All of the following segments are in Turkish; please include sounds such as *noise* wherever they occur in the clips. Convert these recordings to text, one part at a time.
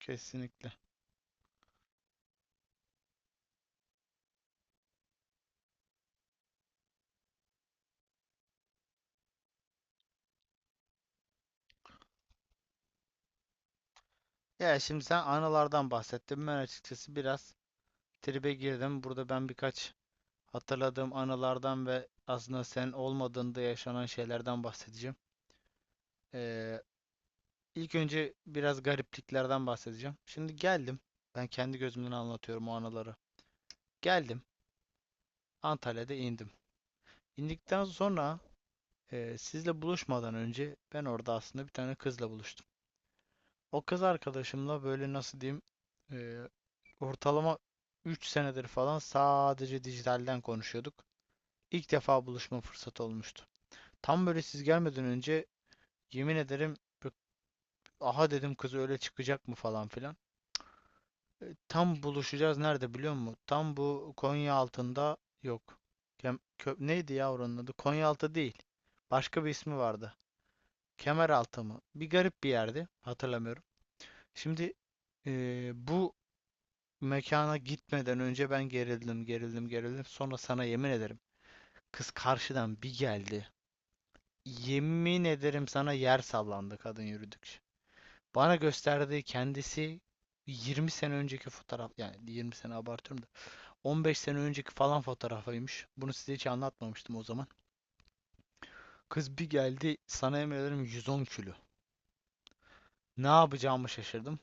Kesinlikle. Ya, şimdi sen anılardan bahsettin. Ben açıkçası biraz tribe girdim. Burada ben birkaç hatırladığım anılardan ve aslında sen olmadığında yaşanan şeylerden bahsedeceğim. Ee, ilk önce biraz garipliklerden bahsedeceğim. Şimdi geldim. Ben kendi gözümden anlatıyorum o anıları. Geldim. Antalya'da indim. İndikten sonra sizle buluşmadan önce ben orada aslında bir tane kızla buluştum. O kız arkadaşımla, böyle nasıl diyeyim, eee, ortalama 3 senedir falan sadece dijitalden konuşuyorduk. İlk defa buluşma fırsatı olmuştu. Tam böyle siz gelmeden önce, yemin ederim, aha dedim, kız öyle çıkacak mı falan filan. Tam buluşacağız nerede biliyor musun? Tam bu Konya altında, yok. Neydi ya oranın adı? Konyaaltı değil. Başka bir ismi vardı. Kemeraltı mı? Bir garip bir yerdi. Hatırlamıyorum. Şimdi bu mekana gitmeden önce ben gerildim, gerildim, gerildim. Sonra, sana yemin ederim, kız karşıdan bir geldi. Yemin ederim sana, yer sallandı kadın yürüdükçe. Bana gösterdiği kendisi 20 sene önceki fotoğraf, yani 20 sene abartıyorum da 15 sene önceki falan fotoğrafıymış. Bunu size hiç anlatmamıştım o zaman. Kız bir geldi, sana yemin ederim, 110 kilo. Ne yapacağımı şaşırdım.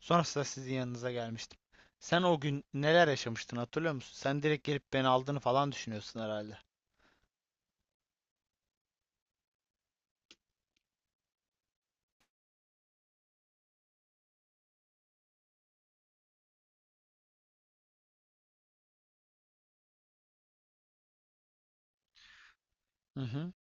Sonrasında sizin yanınıza gelmiştim. Sen o gün neler yaşamıştın hatırlıyor musun? Sen direkt gelip beni aldığını falan düşünüyorsun herhalde. Hı hı.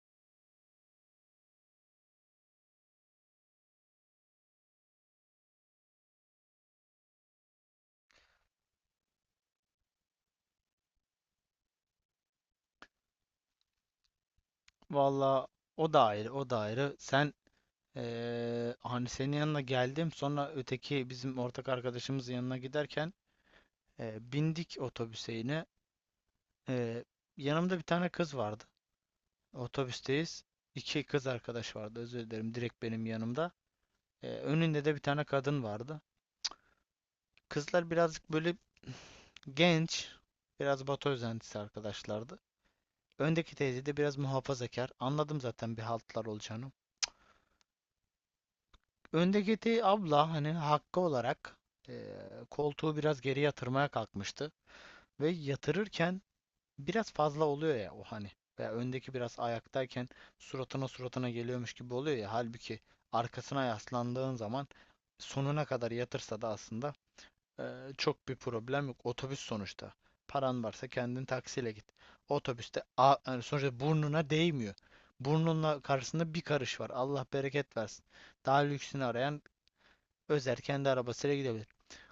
Valla, o da ayrı, o da ayrı. Sen, hani senin yanına geldim, sonra öteki bizim ortak arkadaşımızın yanına giderken bindik otobüse yine. Eee, Yanımda bir tane kız vardı. Otobüsteyiz. İki kız arkadaş vardı, özür dilerim. Direkt benim yanımda. Önünde de bir tane kadın vardı. Kızlar birazcık böyle genç, biraz Batı özentisi arkadaşlardı. Öndeki teyze de biraz muhafazakar. Anladım zaten bir haltlar olacağını. Öndeki abla, hani hakkı olarak, koltuğu biraz geri yatırmaya kalkmıştı. Ve yatırırken biraz fazla oluyor ya o, hani. Veya öndeki biraz ayaktayken suratına suratına geliyormuş gibi oluyor ya. Halbuki arkasına yaslandığın zaman sonuna kadar yatırsa da aslında çok bir problem yok. Otobüs sonuçta. Paran varsa kendin taksiyle git. Otobüste yani sonuçta burnuna değmiyor. Burnunla karşısında bir karış var. Allah bereket versin. Daha lüksünü arayan Özer kendi arabasıyla gidebilir.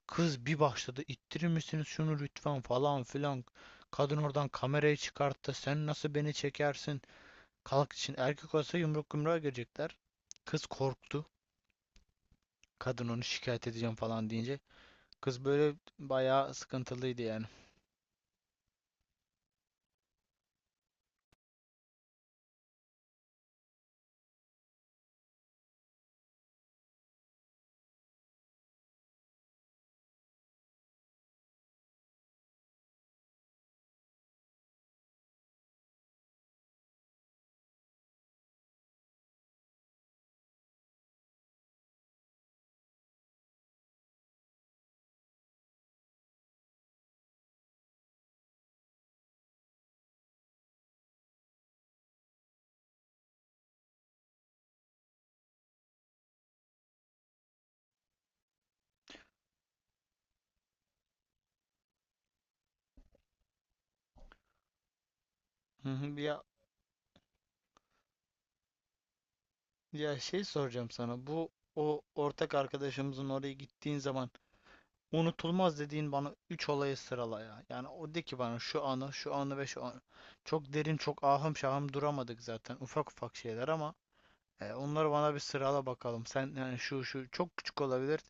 Kız bir başladı, ittirir misiniz şunu lütfen falan filan. Kadın oradan kamerayı çıkarttı. Sen nasıl beni çekersin? Kalk için, erkek olsa yumruk yumruğa girecekler. Kız korktu. Kadın onu şikayet edeceğim falan deyince, kız böyle bayağı sıkıntılıydı yani. Ya, ya, şey soracağım sana. Bu o ortak arkadaşımızın oraya gittiğin zaman unutulmaz dediğin, bana 3 olayı sırala ya. Yani o de ki bana şu anı, şu anı ve şu anı. Çok derin, çok ahım şahım duramadık zaten. Ufak ufak şeyler, ama onları bana bir sırala bakalım. Sen, yani şu çok küçük olabilir,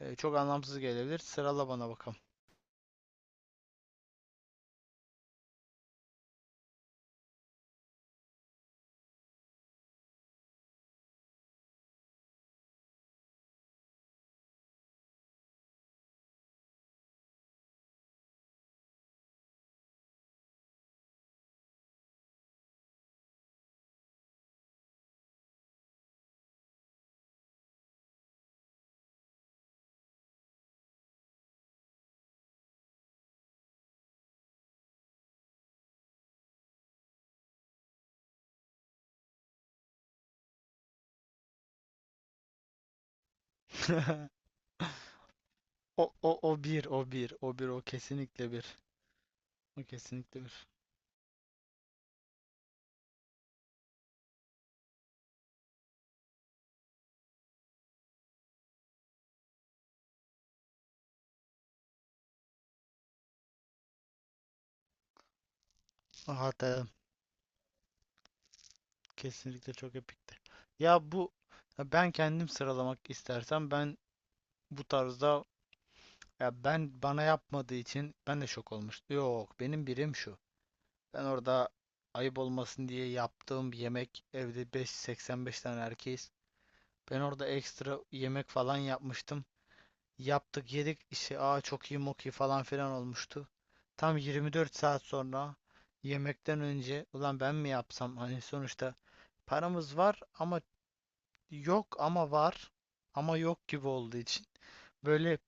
çok anlamsız gelebilir. Sırala bana bakalım. *laughs* O bir, o bir, o bir, o kesinlikle bir. O kesinlikle bir. O, hatta kesinlikle çok epikti. Ya bu, ya ben kendim sıralamak istersem ben bu tarzda. Ya ben, bana yapmadığı için ben de şok olmuştum. Yok, benim birim şu. Ben orada ayıp olmasın diye yaptığım bir yemek, evde 5 85 tane erkeğiz. Ben orada ekstra yemek falan yapmıştım. Yaptık yedik işte, aa çok iyi mok iyi falan filan olmuştu. Tam 24 saat sonra, yemekten önce, ulan ben mi yapsam, hani sonuçta paramız var ama yok, ama var ama yok gibi olduğu için böyle,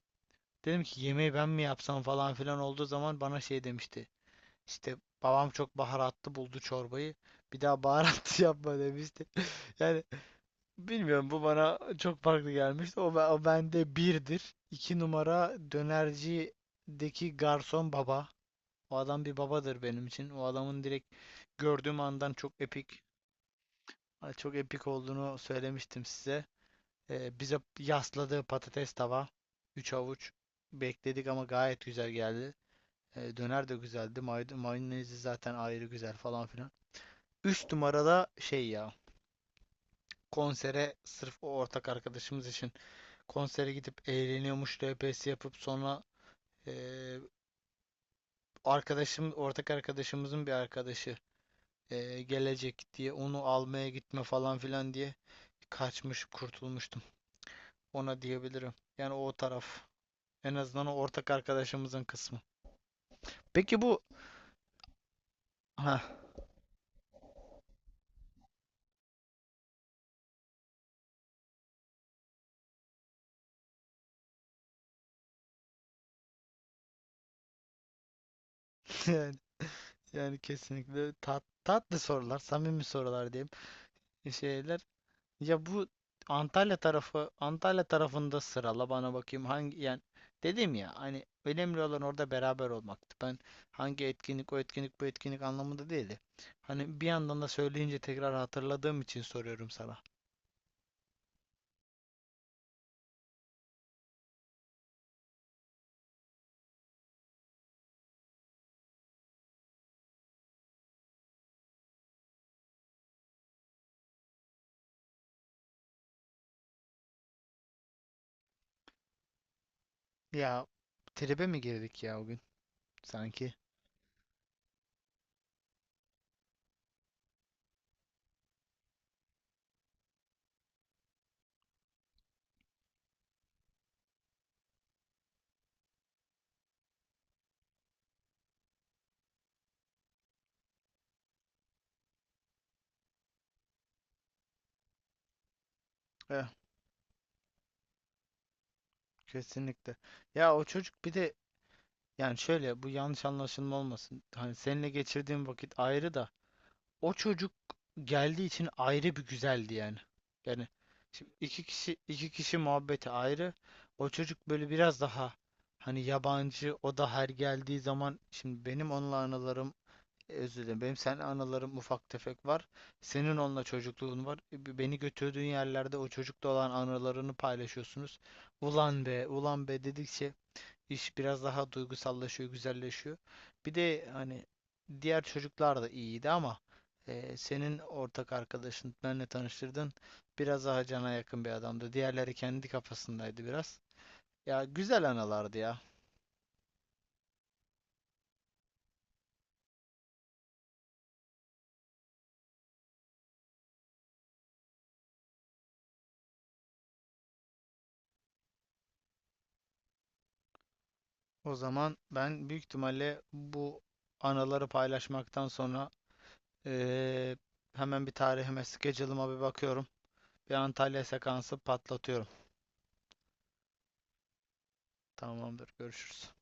dedim ki yemeği ben mi yapsam falan filan olduğu zaman, bana şey demişti. İşte, babam çok baharatlı buldu çorbayı. Bir daha baharatlı yapma demişti. *laughs* Yani bilmiyorum, bu bana çok farklı gelmişti. O, bende birdir. 2 numara, dönercideki garson baba. O adam bir babadır benim için. O adamın direkt gördüğüm andan çok epik, çok epik olduğunu söylemiştim size. Bize yasladığı patates tava. 3 avuç bekledik ama gayet güzel geldi. Döner de güzeldi. Mayonezi zaten ayrı güzel falan filan. 3 numarada şey ya. Konsere, sırf o ortak arkadaşımız için konsere gidip eğleniyormuş RPS yapıp, sonra e, arkadaşım, ortak arkadaşımızın bir arkadaşı gelecek diye onu almaya gitme falan filan diye kaçmış, kurtulmuştum. Ona diyebilirim. Yani o taraf. En azından o ortak arkadaşımızın kısmı. Peki bu, ha. *laughs* Yani, kesinlikle tatlı sorular, samimi sorular diyeyim. Şeyler. Ya bu Antalya tarafında sırala bana bakayım hangi, yani dedim ya, hani önemli olan orada beraber olmaktı. Ben hangi etkinlik, o etkinlik bu etkinlik anlamında değildi. Hani bir yandan da söyleyince tekrar hatırladığım için soruyorum sana. Ya tribe mi girdik ya o gün sanki? Eh, kesinlikle. Ya o çocuk bir de, yani şöyle, bu yanlış anlaşılma olmasın. Hani seninle geçirdiğim vakit ayrı da, o çocuk geldiği için ayrı bir güzeldi yani. Yani şimdi iki kişi iki kişi muhabbeti ayrı. O çocuk böyle biraz daha hani yabancı, o da her geldiği zaman, şimdi benim onunla anılarım, özür dilerim, benim seninle anılarım ufak tefek var. Senin onunla çocukluğun var. Beni götürdüğün yerlerde o çocukla olan anılarını paylaşıyorsunuz. Ulan be, ulan be dedikçe İş biraz daha duygusallaşıyor, güzelleşiyor. Bir de hani diğer çocuklar da iyiydi ama senin ortak arkadaşın, benle tanıştırdın, biraz daha cana yakın bir adamdı. Diğerleri kendi kafasındaydı biraz. Ya, güzel anılardı ya. O zaman ben büyük ihtimalle bu anıları paylaşmaktan sonra e, hemen bir tarihime, schedule'ıma bir bakıyorum. Bir Antalya sekansı patlatıyorum. Tamamdır, görüşürüz.